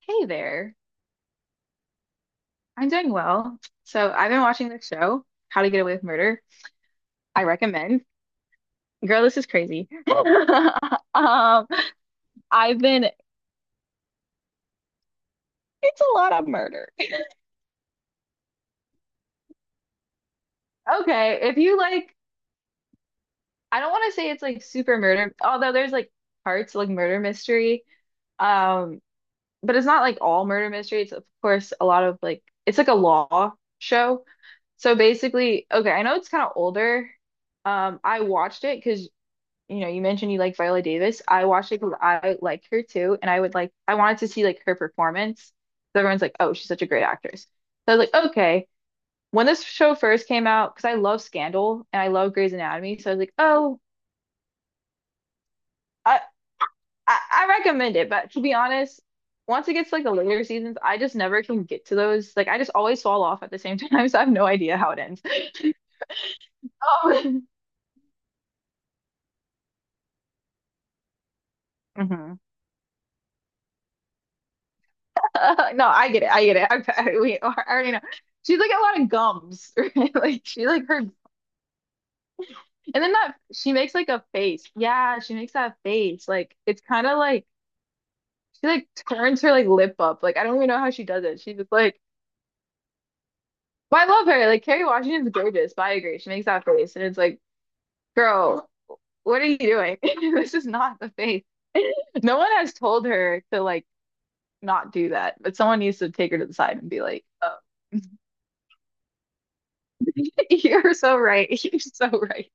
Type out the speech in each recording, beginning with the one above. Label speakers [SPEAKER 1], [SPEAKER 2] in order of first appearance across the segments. [SPEAKER 1] Hey there. I'm doing well. So I've been watching this show, How to Get Away with Murder. I recommend. Girl, this is crazy. Um, I've been, it's a lot of murder. Okay, if you like, I don't want to say it's like super murder, although there's like parts like murder mystery. Um, but it's not like all murder mystery. It's of course a lot of like it's like a law show. So basically, okay, I know it's kind of older. I watched it because you mentioned you like Viola Davis. I watched it because I like her too, and I would like I wanted to see like her performance. So everyone's like, "Oh, she's such a great actress." So I was like, "Okay." When this show first came out, because I love Scandal and I love Grey's Anatomy, so I was like, "Oh, I, I recommend it." But to be honest, once it gets to, like the later seasons, I just never can get to those. Like I just always fall off at the same time, so I have no idea how it ends. Um, mhm. No, I get it. I get it. Okay, we I already know. She's like a lot of gums, right? Like she like her, and then that she makes like a face. Yeah, she makes that face. Like it's kind of like she like turns her like lip up. Like I don't even know how she does it. She's just like, but I love her. Like Kerry Washington's gorgeous, but I agree. She makes that face, and it's like, girl, what are you doing? This is not the face. No one has told her to like not do that, but someone needs to take her to the side and be like, oh. You're so right. You're so right.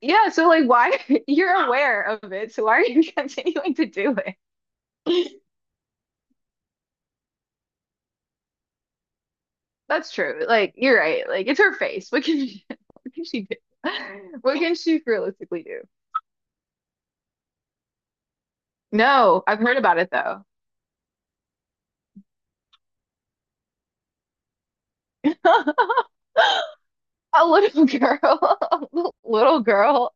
[SPEAKER 1] Yeah, so like why you're aware of it, so why are you continuing to do it? That's true. Like you're right. Like it's her face. What can she, what can she do? What can she realistically do? No, I've heard about it though. A little girl. Little girl.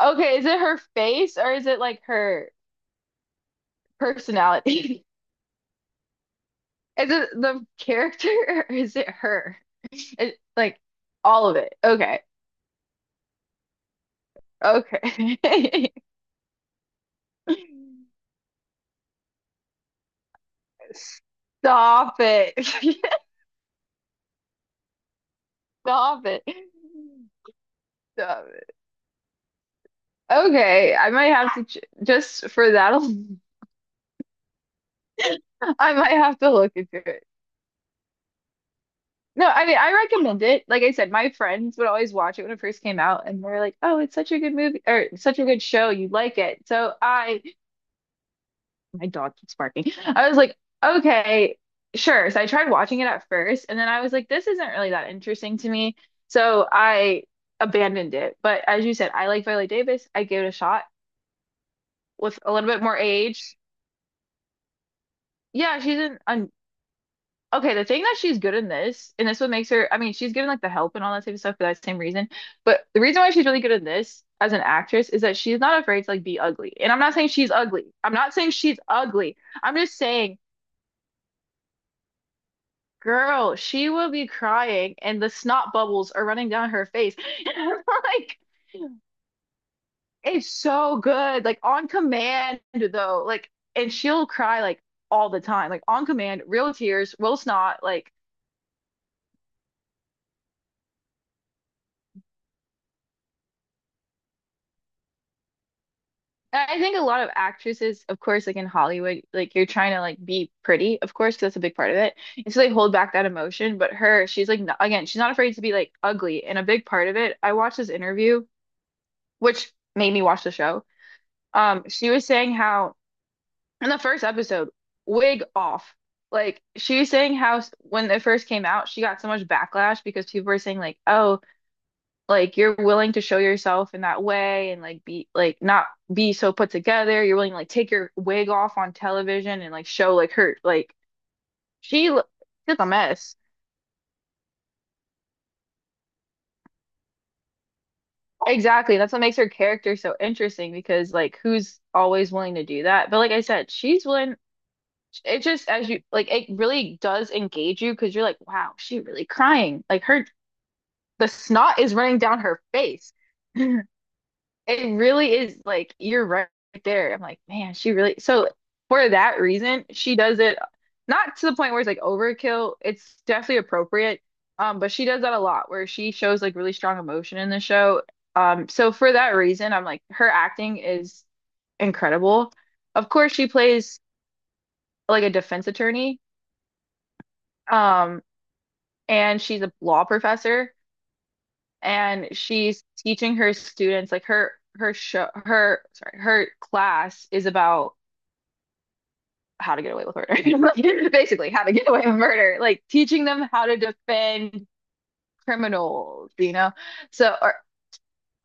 [SPEAKER 1] Okay, is it her face or is it like her personality? Is it the character or is it her? It, like all of it. Okay. Okay. Stop it. Stop it. Stop it. Okay, I might have to ch just for that alone, I might have to look into it. No, I mean I recommend it. Like I said, my friends would always watch it when it first came out and they're like, "Oh, it's such a good movie or such a good show. You like it." So I my dog keeps barking. I was like, okay, sure. So I tried watching it at first, and then I was like, this isn't really that interesting to me. So I abandoned it. But as you said, I like Viola Davis. I gave it a shot with a little bit more age. Yeah, she's in. Un okay, the thing that she's good in this, and this what makes her, I mean, she's given like the help and all that type of stuff for that same reason. But the reason why she's really good in this as an actress is that she's not afraid to like be ugly. And I'm not saying she's ugly. I'm not saying she's ugly. I'm just saying girl, she will be crying and the snot bubbles are running down her face. And I'm like, it's so good. Like, on command, though. Like, and she'll cry like all the time. Like, on command, real tears, real snot. Like, and I think a lot of actresses, of course, like in Hollywood, like you're trying to like be pretty, of course, 'cause that's a big part of it. And so they hold back that emotion. But her, she's like, not, again, she's not afraid to be like ugly. And a big part of it, I watched this interview, which made me watch the show. She was saying how in the first episode, wig off. Like she was saying how s- when it first came out, she got so much backlash because people were saying like, "Oh, like you're willing to show yourself in that way and like be like not be so put together. You're willing to like take your wig off on television and like show like her like she l- she's a mess." Exactly. That's what makes her character so interesting because like who's always willing to do that? But like I said, she's willing it just as you like it really does engage you because you're like wow she really crying like her the snot is running down her face. It really is like you're right there. I'm like, man, she really so for that reason, she does it not to the point where it's like overkill. It's definitely appropriate. But she does that a lot where she shows like really strong emotion in the show. So for that reason, I'm like her acting is incredible. Of course, she plays like a defense attorney. Um, and she's a law professor. And she's teaching her students like her her show her sorry her class is about how to get away with murder basically how to get away with murder like teaching them how to defend criminals, you know. So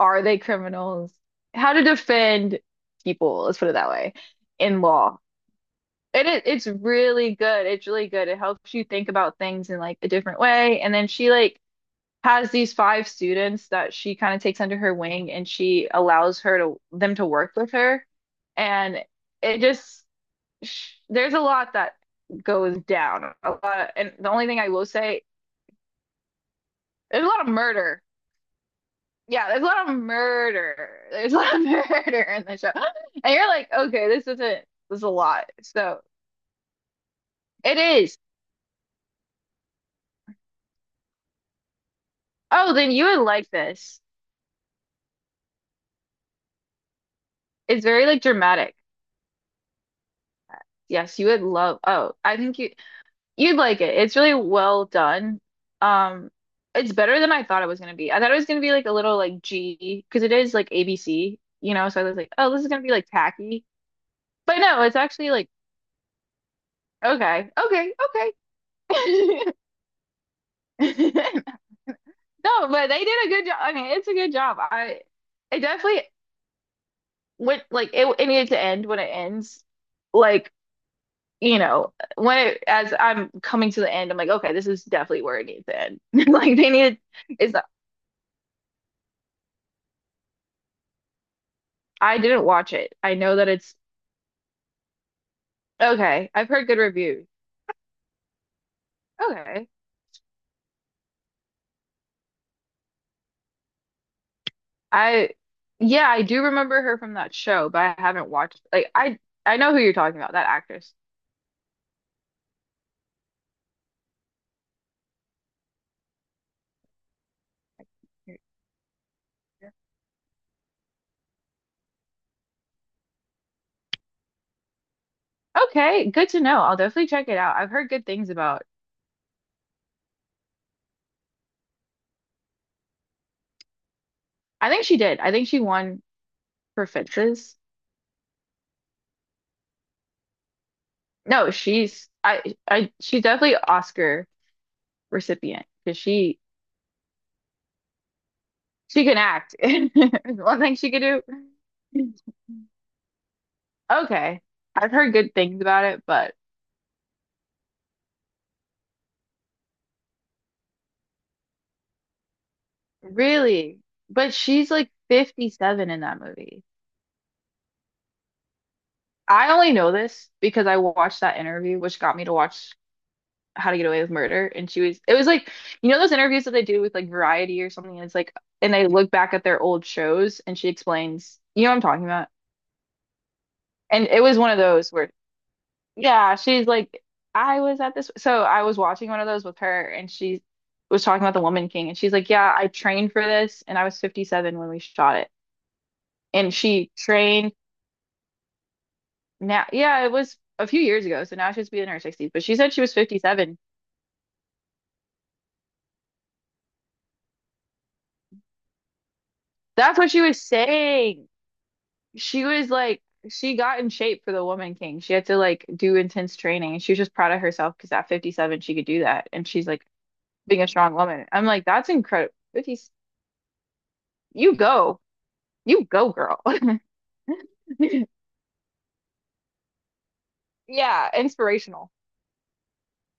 [SPEAKER 1] are they criminals how to defend people, let's put it that way, in law. And it it's really good, it's really good. It helps you think about things in like a different way, and then she like has these five students that she kind of takes under her wing and she allows her to them to work with her. And it just sh there's a lot that goes down. A lot, and the only thing I will say, there's a lot of murder. Yeah, there's a lot of murder. There's a lot of murder in the show. And you're like, okay, this isn't this is a lot. So it is. Oh, then you would like this. It's very like dramatic. Yes, you would love. Oh, I think you you'd like it. It's really well done. Um, it's better than I thought it was gonna be. I thought it was gonna be like a little like G because it is like ABC, you know. So I was like, oh, this is gonna be like tacky, but no, it's actually like okay, okay, okay. No, but they did a good job. I mean, it's a good job. I it definitely went like it needed to end when it ends. Like, you know, when it as I'm coming to the end, I'm like, okay, this is definitely where it needs to end. Like they needed. It's I didn't watch it. I know that it's okay. I've heard good reviews. Okay. I yeah, I do remember her from that show, but I haven't watched like I know who you're talking about, that actress. Okay, good to know. I'll definitely check it out. I've heard good things about. I think she did. I think she won for Fences. No, she's I she's definitely Oscar recipient because she can act. One thing she could do. Okay. I've heard good things about it, but really? But she's like 57 in that movie. I only know this because I watched that interview, which got me to watch How to Get Away with Murder. And she was, it was like, you know, those interviews that they do with like Variety or something. And it's like, and they look back at their old shows and she explains, you know what I'm talking about? And it was one of those where, yeah, she's like, I was at this. So I was watching one of those with her and she was talking about The Woman King. And she's like, yeah, I trained for this and I was 57 when we shot it and she trained now, yeah, it was a few years ago, so now she's be in her 60s, but she said she was 57. That's what she was saying. She was like, she got in shape for the Woman King. She had to like do intense training, and she was just proud of herself because at 57 she could do that, and she's like being a strong woman. I'm like, that's incredible. 50, you go, you go, girl. Yeah, inspirational.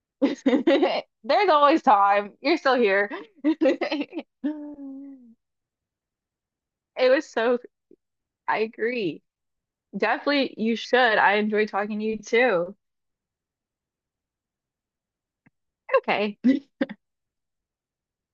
[SPEAKER 1] There's always time. You're still here. It was so, I agree. Definitely you should. I enjoy talking to you too. Okay.